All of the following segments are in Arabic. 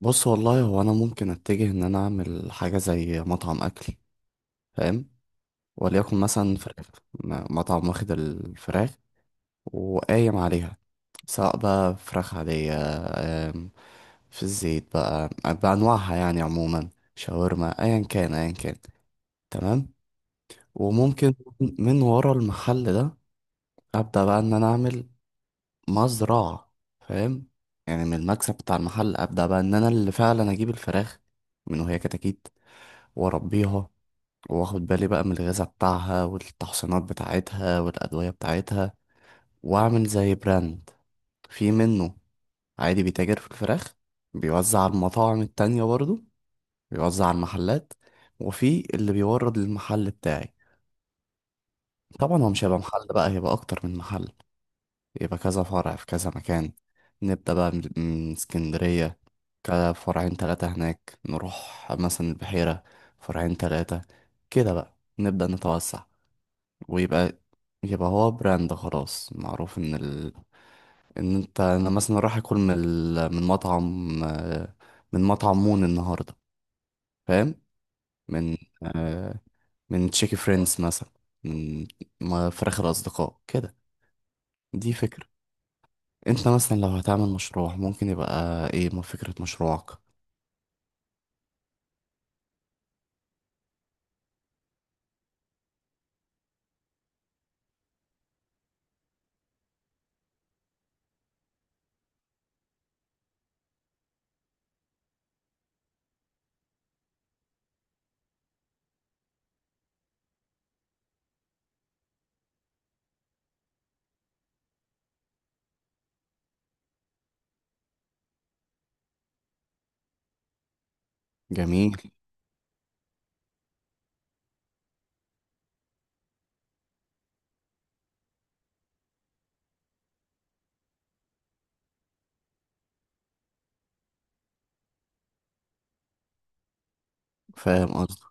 بص والله هو انا ممكن اتجه ان انا اعمل حاجه زي مطعم اكل. فاهم؟ وليكن مثلا فراخ. مطعم واخد الفراخ وقايم عليها، سواء بقى فراخ عاديه، آم، في الزيت بقى بانواعها يعني عموما، شاورما، ايا كان ايا كان. تمام. وممكن من ورا المحل ده ابدا بقى ان انا اعمل مزرعه. فاهم؟ يعني من المكسب بتاع المحل ابدا بقى ان انا اللي فعلا اجيب الفراخ من وهي كتاكيت واربيها، واخد بالي بقى من الغذاء بتاعها والتحصينات بتاعتها والادويه بتاعتها، واعمل زي براند في منه، عادي بيتاجر في الفراخ، بيوزع على المطاعم التانية برضو، بيوزع على المحلات، وفي اللي بيورد للمحل بتاعي. طبعا هو مش هيبقى محل بقى، هيبقى اكتر من محل، يبقى كذا فرع في كذا مكان. نبدأ بقى من اسكندرية، كده فرعين تلاتة هناك، نروح مثلا البحيرة فرعين تلاتة، كده بقى نبدأ نتوسع. ويبقى يبقى هو براند خلاص معروف ان ال... ان انت انا مثلا رايح اكل من ال... من مطعم من مطعم مون النهارده. فاهم؟ من آه، من تشيكي فريندز مثلا، من فراخ الاصدقاء كده. دي فكره. انت مثلا لو هتعمل مشروع ممكن يبقى ايه ما فكره مشروعك؟ جميل. فاهم قصدي؟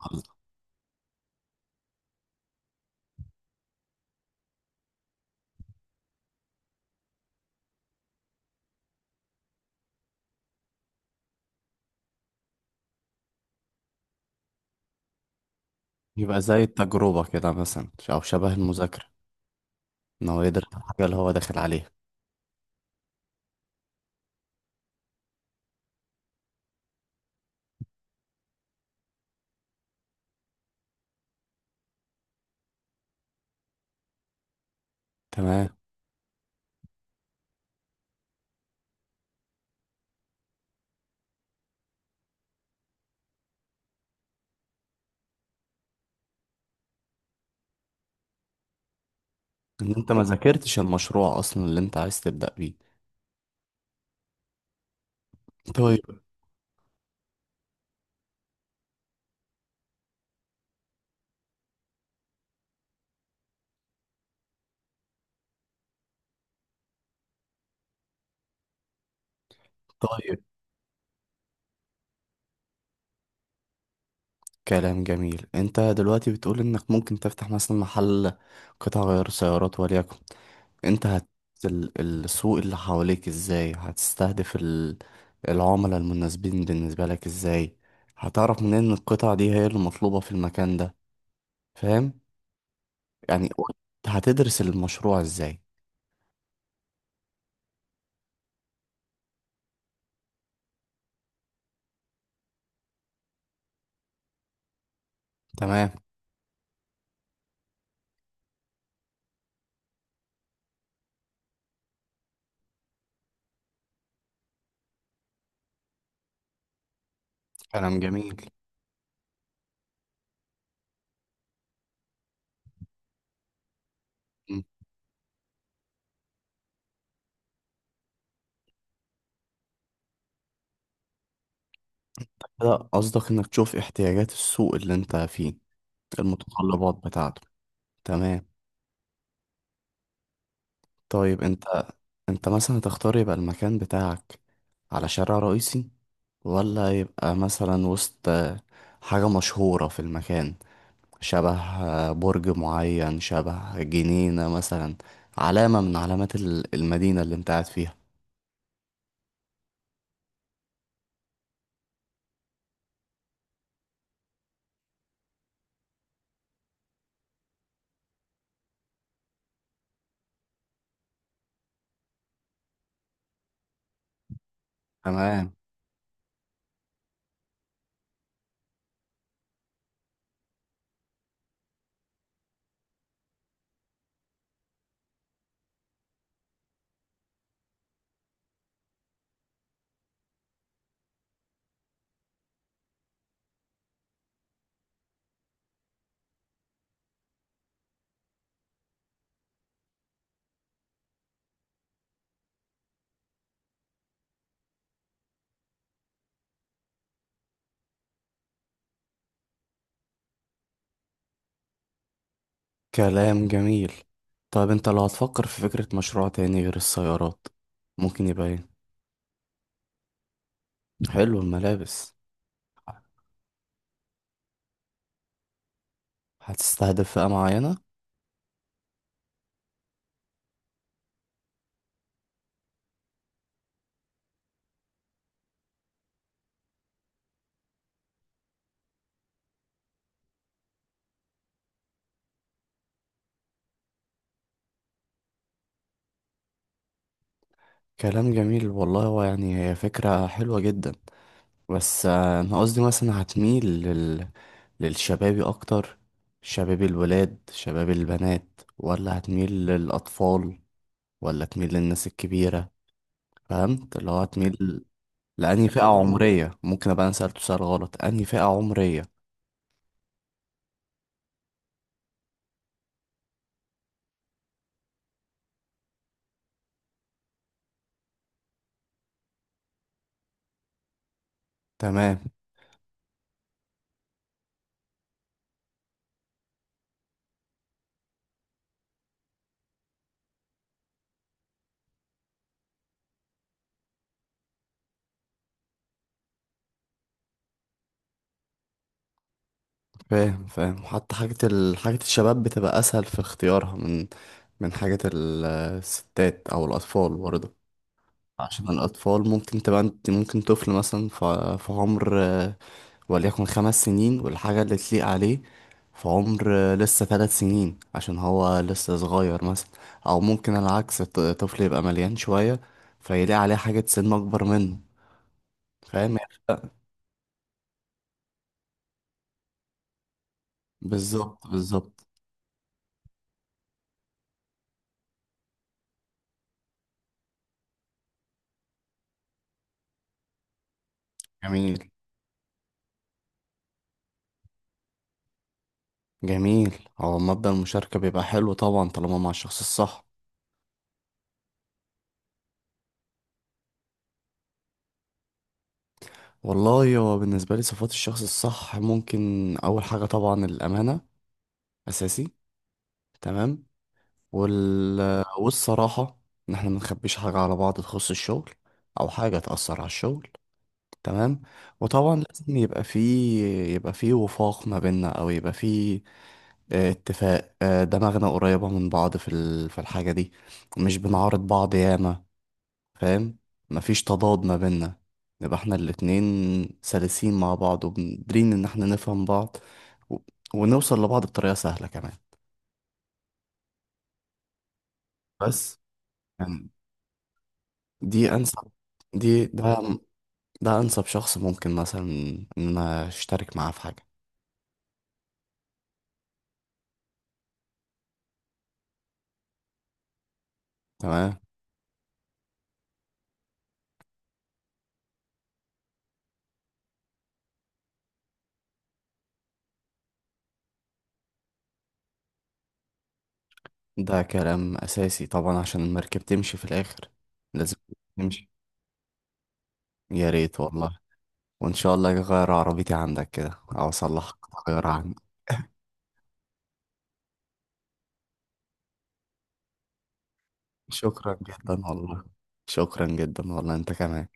قصدي. يبقى زي التجربه كده مثلا او شبه المذاكره، ان هو يدرس الحاجه اللي هو داخل عليها. تمام. ان انت ما ذاكرتش المشروع اصلا اللي انت عايز تبدأ بيه. طيب. طيب، كلام جميل. انت دلوقتي بتقول انك ممكن تفتح مثلا محل قطع غيار سيارات وليكن. انت هت ال- السوق اللي حواليك ازاي هتستهدف ال... العملاء المناسبين بالنسبة لك ازاي؟ هتعرف منين ان القطع دي هي اللي مطلوبة في المكان ده؟ فاهم؟ يعني هتدرس المشروع ازاي؟ تمام. كلام جميل. م. لا قصدك انك تشوف احتياجات السوق اللي انت فيه، المتطلبات بتاعته. تمام. طيب انت، انت مثلا تختار يبقى المكان بتاعك على شارع رئيسي، ولا يبقى مثلا وسط حاجة مشهورة في المكان، شبه برج معين، شبه جنينة مثلا، علامة من علامات ال- المدينة اللي انت قاعد فيها. تمام. كلام جميل. طيب انت لو هتفكر في فكرة مشروع تاني غير السيارات ممكن يبقى ايه؟ حلو، الملابس. هتستهدف فئة معينة؟ كلام جميل والله. هو يعني هي فكرة حلوة جدا، بس أنا قصدي مثلا هتميل لل... للشبابي أكتر؟ شباب الولاد، شباب البنات، ولا هتميل للأطفال، ولا تميل للناس الكبيرة؟ فهمت اللي هو هتميل لأنهي فئة عمرية؟ ممكن أبقى أنا سألته سؤال غلط، أنهي فئة عمرية. تمام. فاهم، فاهم. حتى حاجة ال... حاجة الشباب بتبقى أسهل في اختيارها من من حاجة ال- الستات أو الأطفال برضه. عشان الأطفال ممكن تبقى انت، ممكن طفل مثلا في عمر وليكن 5 سنين والحاجة اللي تليق عليه في عمر لسه 3 سنين عشان هو لسه صغير مثلا، أو ممكن العكس، طفل يبقى مليان شوية فيلاقي عليه حاجة سن أكبر منه. فاهم؟ بالظبط بالظبط. جميل. جميل، هو مبدأ المشاركة بيبقى حلو طبعا طالما مع الشخص الصح. والله هو بالنسبة لي صفات الشخص الصح ممكن أول حاجة طبعا الأمانة، أساسي. تمام. وال... والصراحة، ان احنا ما نخبيش حاجة على بعض تخص الشغل او حاجة تأثر على الشغل. تمام. وطبعا لازم يبقى فيه، يبقى فيه وفاق ما بيننا او يبقى فيه اتفاق، دماغنا قريبة من بعض في ال... في الحاجة دي، مش بنعارض بعض ياما. فاهم؟ مفيش تضاد ما بيننا، نبقى احنا الاتنين سلسين مع بعض وقادرين ان احنا نفهم بعض و... ونوصل لبعض بطريقة سهلة كمان. بس يعني، دي انسب، دي ده، ده انسب شخص ممكن مثلا ان انا اشترك معاه في حاجه. تمام. ده كلام اساسي طبعا عشان المركب تمشي في الاخر. لازم تمشي. يا ريت والله، وان شاء الله اغير عربيتي عندك كده او اصلحك. تغيرها عندك. شكرا جدا والله. شكرا جدا والله، انت كمان.